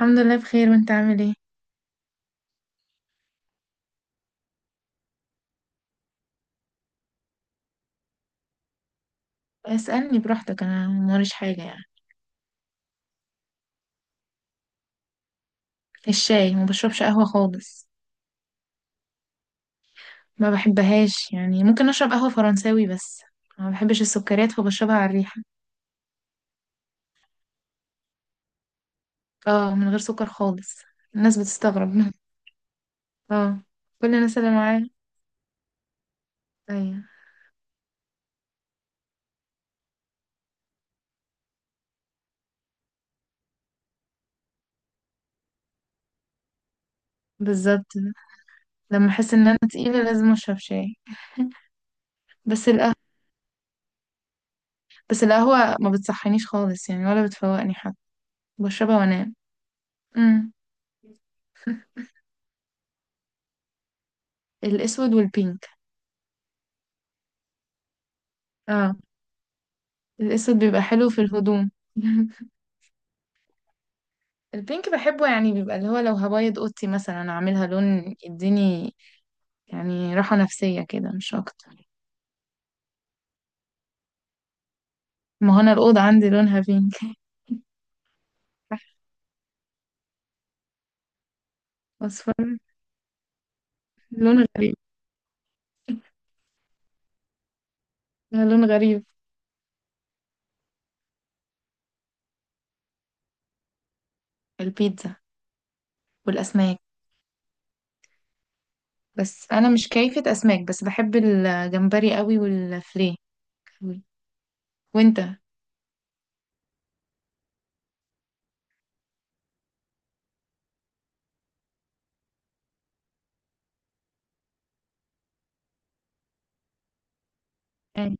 الحمد لله بخير، وانت عامل ايه؟ اسألني براحتك، انا موريش حاجة يعني. الشاي. ما بشربش قهوة خالص. ما بحبهاش يعني، ممكن اشرب قهوة فرنساوي بس. ما بحبش السكريات فبشربها على الريحة. اه، من غير سكر خالص. الناس بتستغرب اه. كل الناس اللي معايا. ايوه. بالظبط. لما احس ان انا تقيلة لازم اشرب شاي. بس القهوة. بس القهوة ما بتصحينيش خالص يعني، ولا بتفوقني حتى. بشربها وانام. امم. الاسود والبينك. اه. الاسود بيبقى حلو في الهدوم. البينك بحبه، يعني بيبقى اللي هو لو هبيض اوضتي مثلا اعملها لون يديني يعني راحة نفسية كده مش اكتر. ما هو انا الأوضة عندي لونها بينك اصفر، لون غريب. لون غريب. البيتزا والاسماك. بس انا مش كيفة اسماك، بس بحب الجمبري قوي والفليه قوي. وانت؟ يعني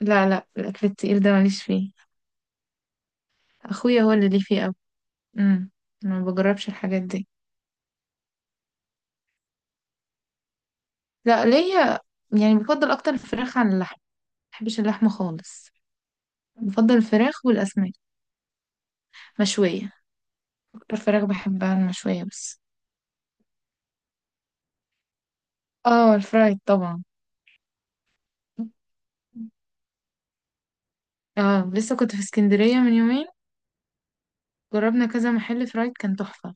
لا لا الاكل التقيل ده ماليش فيه. اخويا هو اللي ليه فيه قوي. امم. ما بجربش الحاجات دي. لا ليا، يعني بفضل اكتر الفراخ عن اللحم. ما بحبش اللحمة خالص. بفضل الفراخ والأسماك مشوية. أكتر فراخ بحبها المشوية بس. اه الفرايد طبعا. اه لسه كنت في اسكندرية من يومين. جربنا كذا محل فرايد كان تحفة.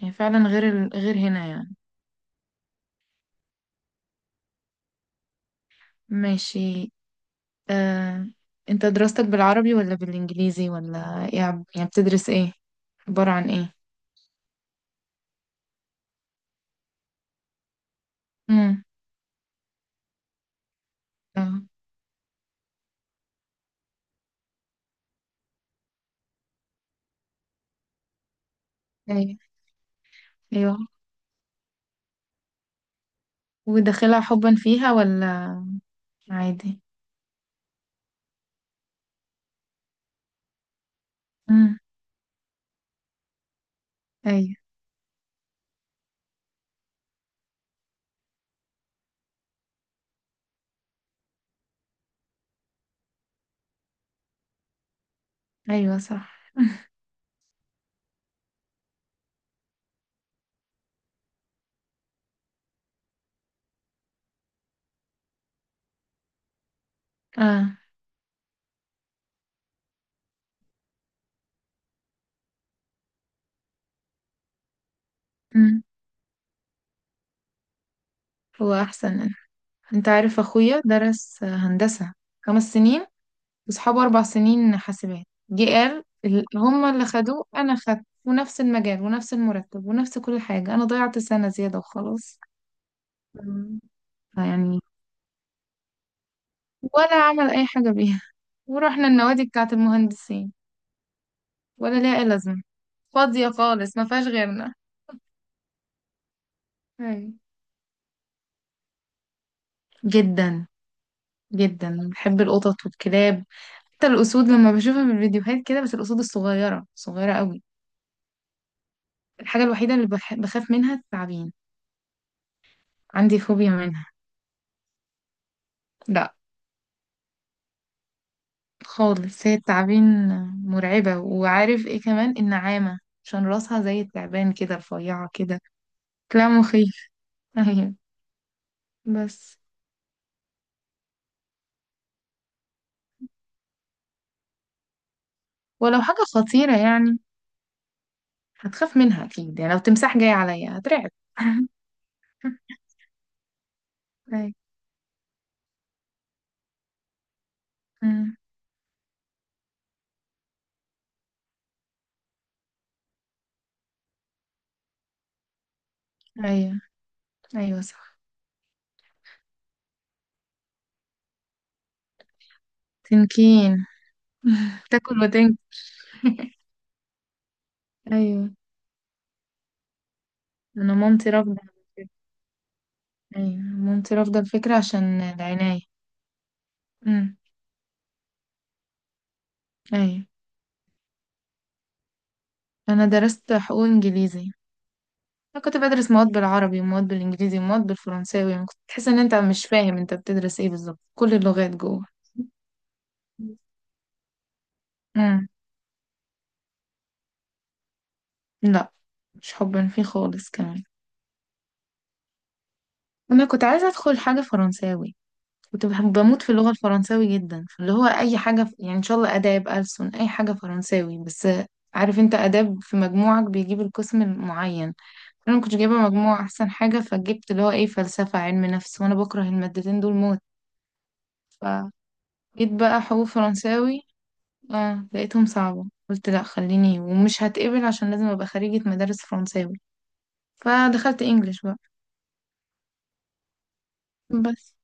يعني فعلا غير هنا يعني. ماشي. آه. انت دراستك بالعربي ولا بالإنجليزي ولا يعني بتدرس ايه؟ عبارة عن ايه؟ امم. اه. ايوه ايوه. وداخلها حبا فيها ولا؟ عادي. امم. ايوه. ايوه صح. اه. امم. هو احسن. انت عارف اخويا درس هندسة 5 سنين. واصحابه 4 سنين حاسبات، جه قال هما اللي خدوه، انا خدت ونفس المجال ونفس المرتب ونفس كل حاجة، انا ضيعت سنة زيادة وخلاص. مم. يعني ولا عمل اي حاجة بيها. ورحنا النوادي بتاعت المهندسين، ولا ليها اي لازمة. فاضية خالص، ما فيهاش غيرنا. أيوة. جدا. جدا بحب القطط والكلاب. حتى الاسود لما بشوفها في الفيديوهات كده، بس الاسود الصغيرة صغيرة قوي. الحاجة الوحيدة اللي بخاف منها التعابين. عندي فوبيا منها. لا. خالص، هي التعابين مرعبة. وعارف ايه كمان؟ النعامة. عشان راسها زي التعبان كده رفيعة كده. كلام مخيف. ايوه. بس. ولو حاجة خطيرة يعني هتخاف منها اكيد، يعني لو تمساح جاي عليا هترعب. ايوه. أمم. ايوه، ايوه صح. تنكين. تاكل وتنك. ايوه، انا مامتي رافضة. ايوه، مامتي رافضة الفكرة عشان العناية. أمم. ايوه. انا درست حقوق انجليزي. انا كنت بدرس مواد بالعربي ومواد بالانجليزي ومواد بالفرنساوي، يعني كنت تحس ان انت مش فاهم انت بتدرس ايه بالظبط، كل اللغات جوه. امم. لا. مش حبا فيه خالص كمان. انا كنت عايزه ادخل حاجه فرنساوي. كنت بموت في اللغه الفرنساوي جدا، فاللي هو اي حاجه يعني ان شاء الله اداب ألسن اي حاجه فرنساوي بس. عارف انت اداب في مجموعك بيجيب القسم المعين. انا ما كنتش جايبه مجموع احسن حاجه، فجبت اللي هو ايه فلسفه علم نفس، وانا بكره المادتين دول موت. جيت بقى حقوق فرنساوي. اه لقيتهم صعبة، قلت لا خليني، ومش هتقبل عشان لازم ابقى خريجة مدارس فرنساوي. فدخلت انجليش بقى. بس.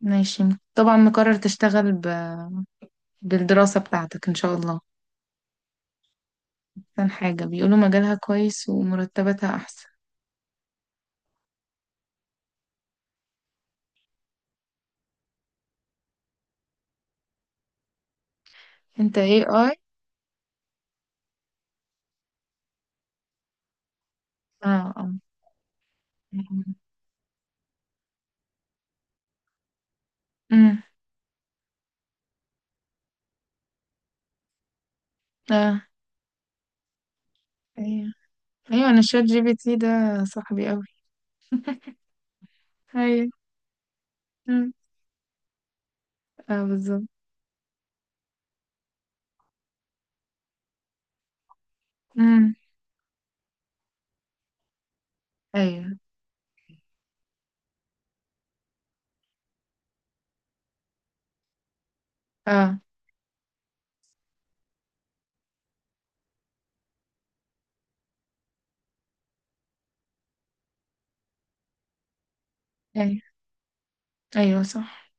ماشي. طبعا مقرر تشتغل بالدراسة بتاعتك ان شاء الله. احسن حاجة بيقولوا مجالها كويس ومرتباتها احسن. انت اي اي؟ اه اه. امم. اه ايوه ايوه. انا الشات جي بي تي ده صاحبي قوي. ايوه. أمم. اه بالظبط. امم. ايوه. اه. ايوه، ايوه صح.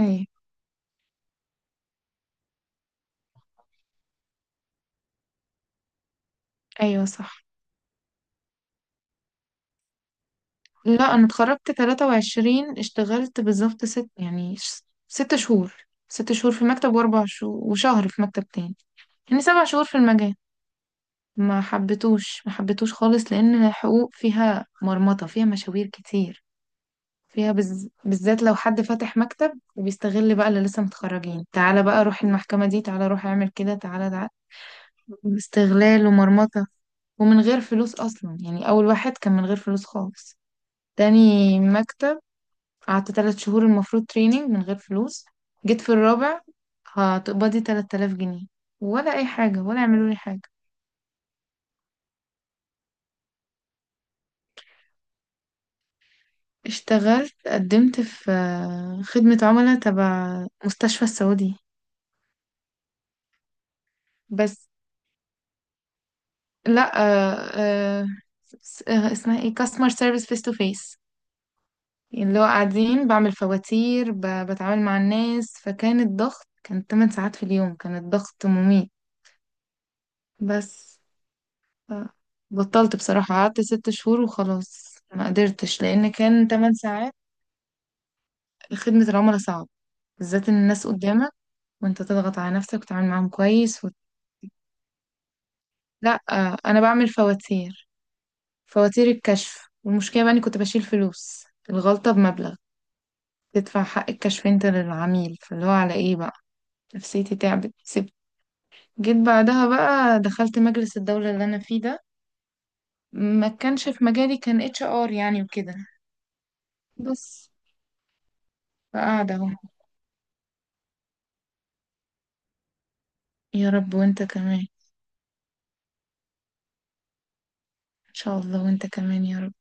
ايوه، ايوه صح. لا، انا اتخرجت 23، اشتغلت بالظبط 6 شهور. 6 شهور في مكتب، واربع شهور وشهر في مكتب تاني. يعني 7 شهور في المجال. ما حبيتوش، ما حبيتوش خالص لان الحقوق فيها مرمطة، فيها مشاوير كتير. فيها بالذات لو حد فاتح مكتب وبيستغل بقى اللي لسه متخرجين، تعالى بقى روح المحكمة دي، تعالى روح اعمل كده، تعالى تعالى. استغلال ومرمطة. ومن غير فلوس اصلا، يعني اول واحد كان من غير فلوس خالص. تاني مكتب، قعدت 3 شهور المفروض تريننج من غير فلوس. جيت في الرابع هتقبضي 3,000 جنيه، ولا أي حاجة، ولا يعملوا لي حاجة. اشتغلت، قدمت في خدمة عملاء تبع مستشفى السعودي. بس. لا، اسمها ايه كاستمر سيرفيس فيس تو فيس. اللي هو قاعدين بعمل فواتير، بتعامل مع الناس، فكان الضغط كان 8 ساعات في اليوم، كان الضغط مميت. بس. ف- بطلت بصراحة، قعدت 6 شهور وخلاص، ما قدرتش لأن كان 8 ساعات. خدمة العملاء صعب، بالذات إن الناس قدامك، وأنت تضغط على نفسك وتتعامل معاهم كويس و... لا، أنا بعمل فواتير. فواتير الكشف، والمشكلة بقى إني كنت بشيل فلوس الغلطة بمبلغ، تدفع حق الكشف أنت للعميل، فاللي هو على إيه بقى؟ نفسيتي تعبت، سبت. جيت بعدها بقى دخلت مجلس الدولة اللي أنا فيه ده. ما كانش في مجالي، كان اتش ار يعني وكده. بس. فقاعدة اهو. يا رب، وانت كمان. ان شاء الله، وانت كمان يا رب.